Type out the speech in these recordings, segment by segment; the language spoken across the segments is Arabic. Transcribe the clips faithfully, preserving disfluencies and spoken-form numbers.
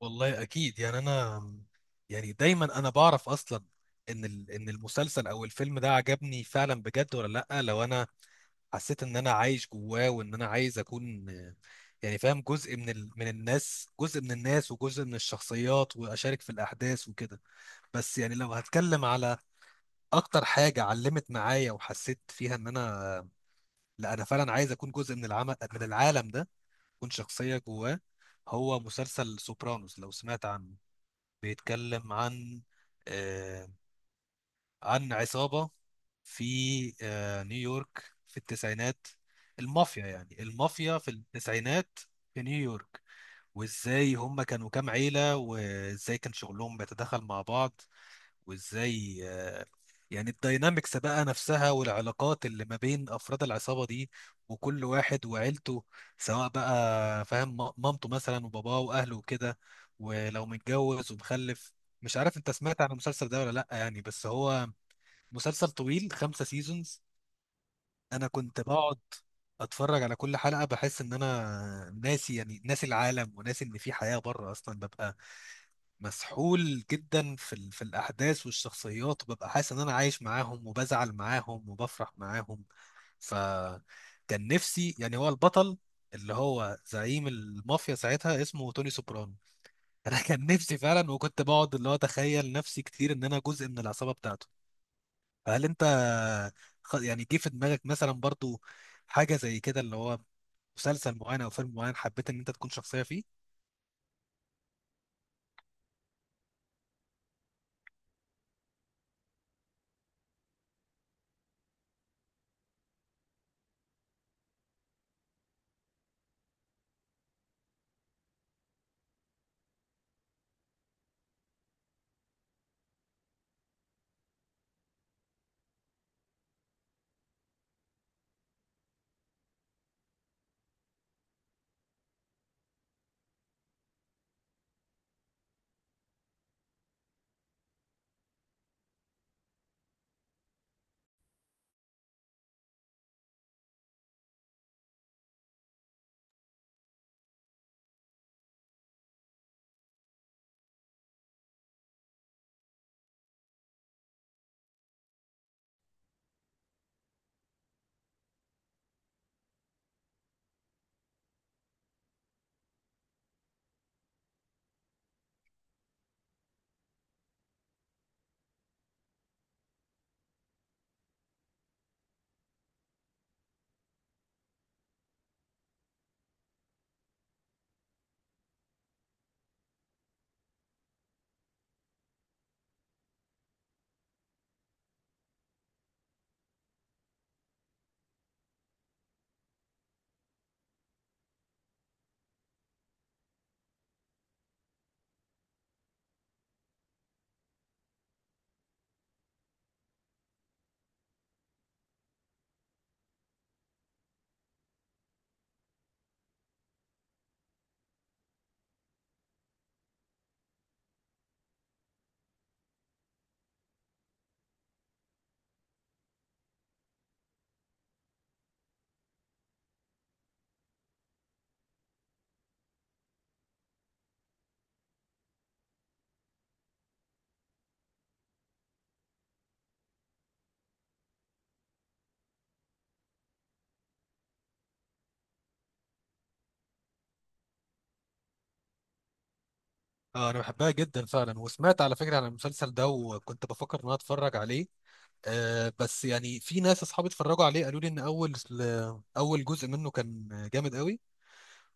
والله اكيد يعني انا يعني دايما انا بعرف اصلا ان ال- ان المسلسل او الفيلم ده عجبني فعلا بجد ولا لا. لو انا حسيت ان انا عايش جواه وان انا عايز اكون، آه، يعني فاهم جزء من ال... من الناس، جزء من الناس وجزء من الشخصيات واشارك في الاحداث وكده. بس يعني لو هتكلم على اكتر حاجة علمت معايا وحسيت فيها ان انا، آه، لا انا فعلا عايز اكون جزء من العمل، من العالم ده، اكون شخصية جواه. هو مسلسل سوبرانوس، لو سمعت عنه، بيتكلم عن آه، عن عصابة في آه، نيويورك في التسعينات. المافيا يعني، المافيا في التسعينات في نيويورك، وازاي هم كانوا كام عيلة وازاي كان شغلهم بيتداخل مع بعض. وازاي آه، يعني الداينامكس بقى نفسها والعلاقات اللي ما بين افراد العصابه دي وكل واحد وعيلته، سواء بقى فاهم م- مامته مثلا وباباه واهله وكده، ولو متجوز ومخلف. مش عارف انت سمعت عن المسلسل ده ولا لا يعني، بس هو مسلسل طويل، خمسة سيزونز. انا كنت بقعد اتفرج على كل حلقه بحس ان انا ناسي، يعني ناسي العالم وناسي ان في حياه بره اصلا. ببقى مسحول جدا في ال... في الاحداث والشخصيات، وببقى حاسس ان انا عايش معاهم وبزعل معاهم وبفرح معاهم. فكان نفسي يعني، هو البطل اللي هو زعيم المافيا ساعتها، اسمه توني سوبرانو. انا كان نفسي فعلا، وكنت بقعد اللي هو اتخيل نفسي كتير ان انا جزء من العصابة بتاعته. فهل انت خ- يعني جه في دماغك مثلا برضو حاجة زي كده، اللي هو مسلسل معين او فيلم معين حبيت ان انت تكون شخصية فيه؟ اه انا بحبها جدا فعلا، وسمعت على فكره عن المسلسل ده وكنت بفكر ان انا اتفرج عليه. آه بس يعني في ناس اصحابي اتفرجوا عليه قالوا لي ان اول اول جزء منه كان جامد قوي،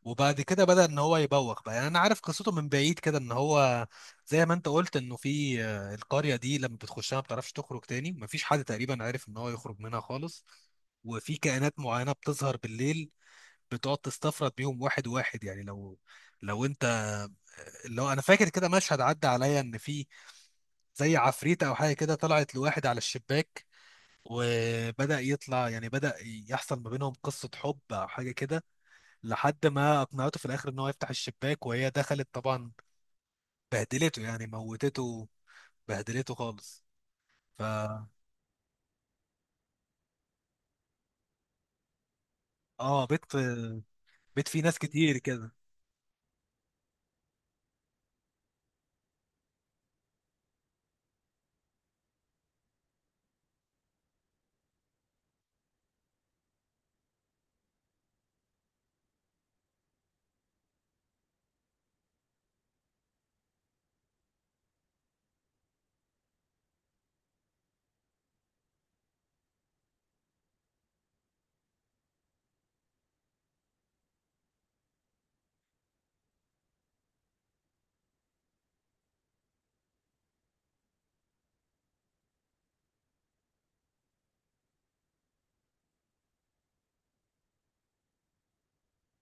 وبعد كده بدأ ان هو يبوخ بقى. يعني انا عارف قصته من بعيد كده، ان هو زي ما انت قلت انه في، آه، القرية دي لما بتخشها ما بتعرفش تخرج تاني، مفيش حد تقريبا عارف ان هو يخرج منها خالص. وفي كائنات معينة بتظهر بالليل، بتقعد تستفرد بيهم واحد واحد. يعني لو لو انت لو انا فاكر كده، مشهد عدى عليا ان في زي عفريتة او حاجه كده طلعت لواحد على الشباك، وبدأ يطلع، يعني بدأ يحصل ما بينهم قصة حب او حاجه كده، لحد ما اقنعته في الاخر ان هو يفتح الشباك، وهي دخلت طبعا بهدلته، يعني موتته، بهدلته خالص. ف اه بيت بيت فيه ناس كتير كده.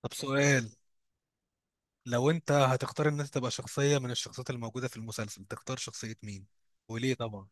طب سؤال، لو انت هتختار ان انت تبقى شخصية من الشخصيات الموجودة في المسلسل، تختار شخصية مين وليه طبعا؟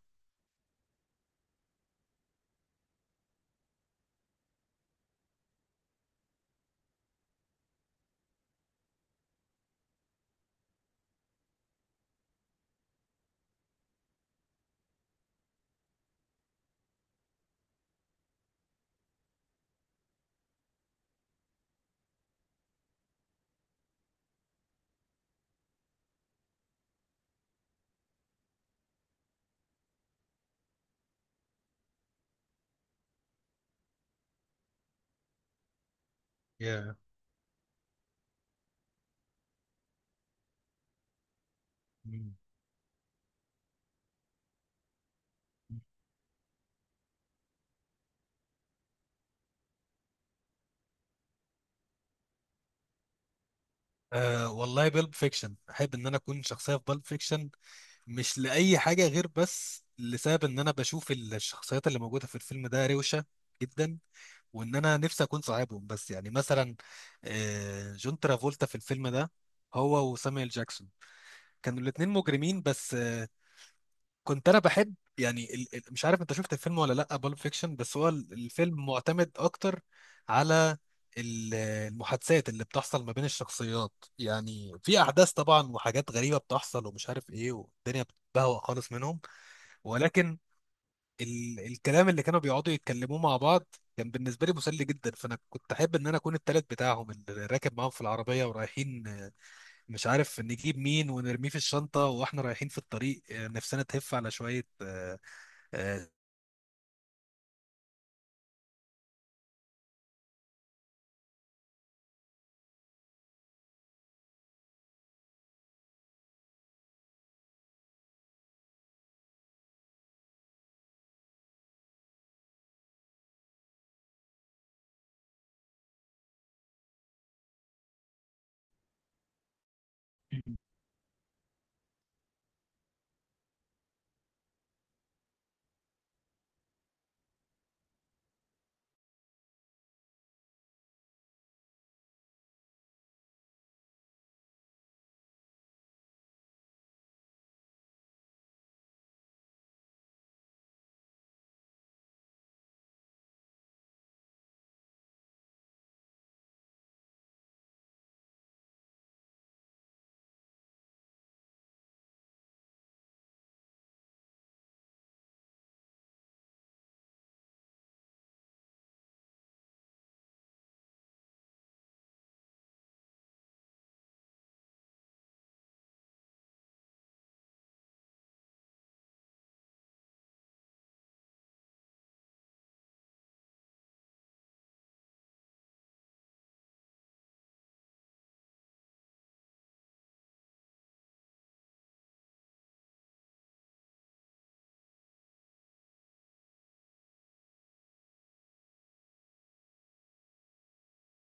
يا مم. آه والله بالب فيكشن، احب ان انا اكون شخصية في بالب فيكشن. مش لأي حاجة غير بس لسبب ان انا بشوف الشخصيات اللي موجودة في الفيلم ده روشة جدا، وان انا نفسي اكون صاحبهم. بس يعني مثلا آه جون ترافولتا في الفيلم ده، هو وسامويل جاكسون، كانوا الاتنين مجرمين. بس كنت انا بحب يعني ال- ال- مش عارف انت شفت الفيلم ولا لا، بالب فيكشن، بس هو ال- الفيلم معتمد اكتر على ال- المحادثات اللي بتحصل ما بين الشخصيات. يعني في احداث طبعا وحاجات غريبة بتحصل ومش عارف ايه، والدنيا بتبهوأ خالص منهم، ولكن ال الكلام اللي كانوا بيقعدوا يتكلموه مع بعض كان بالنسبة لي مسلي جدا. فانا كنت احب ان انا اكون التالت بتاعهم اللي راكب معاهم في العربية ورايحين، آه، مش عارف نجيب مين ونرميه في الشنطة، واحنا رايحين في الطريق آه، نفسنا تهف على شوية، آه، آه،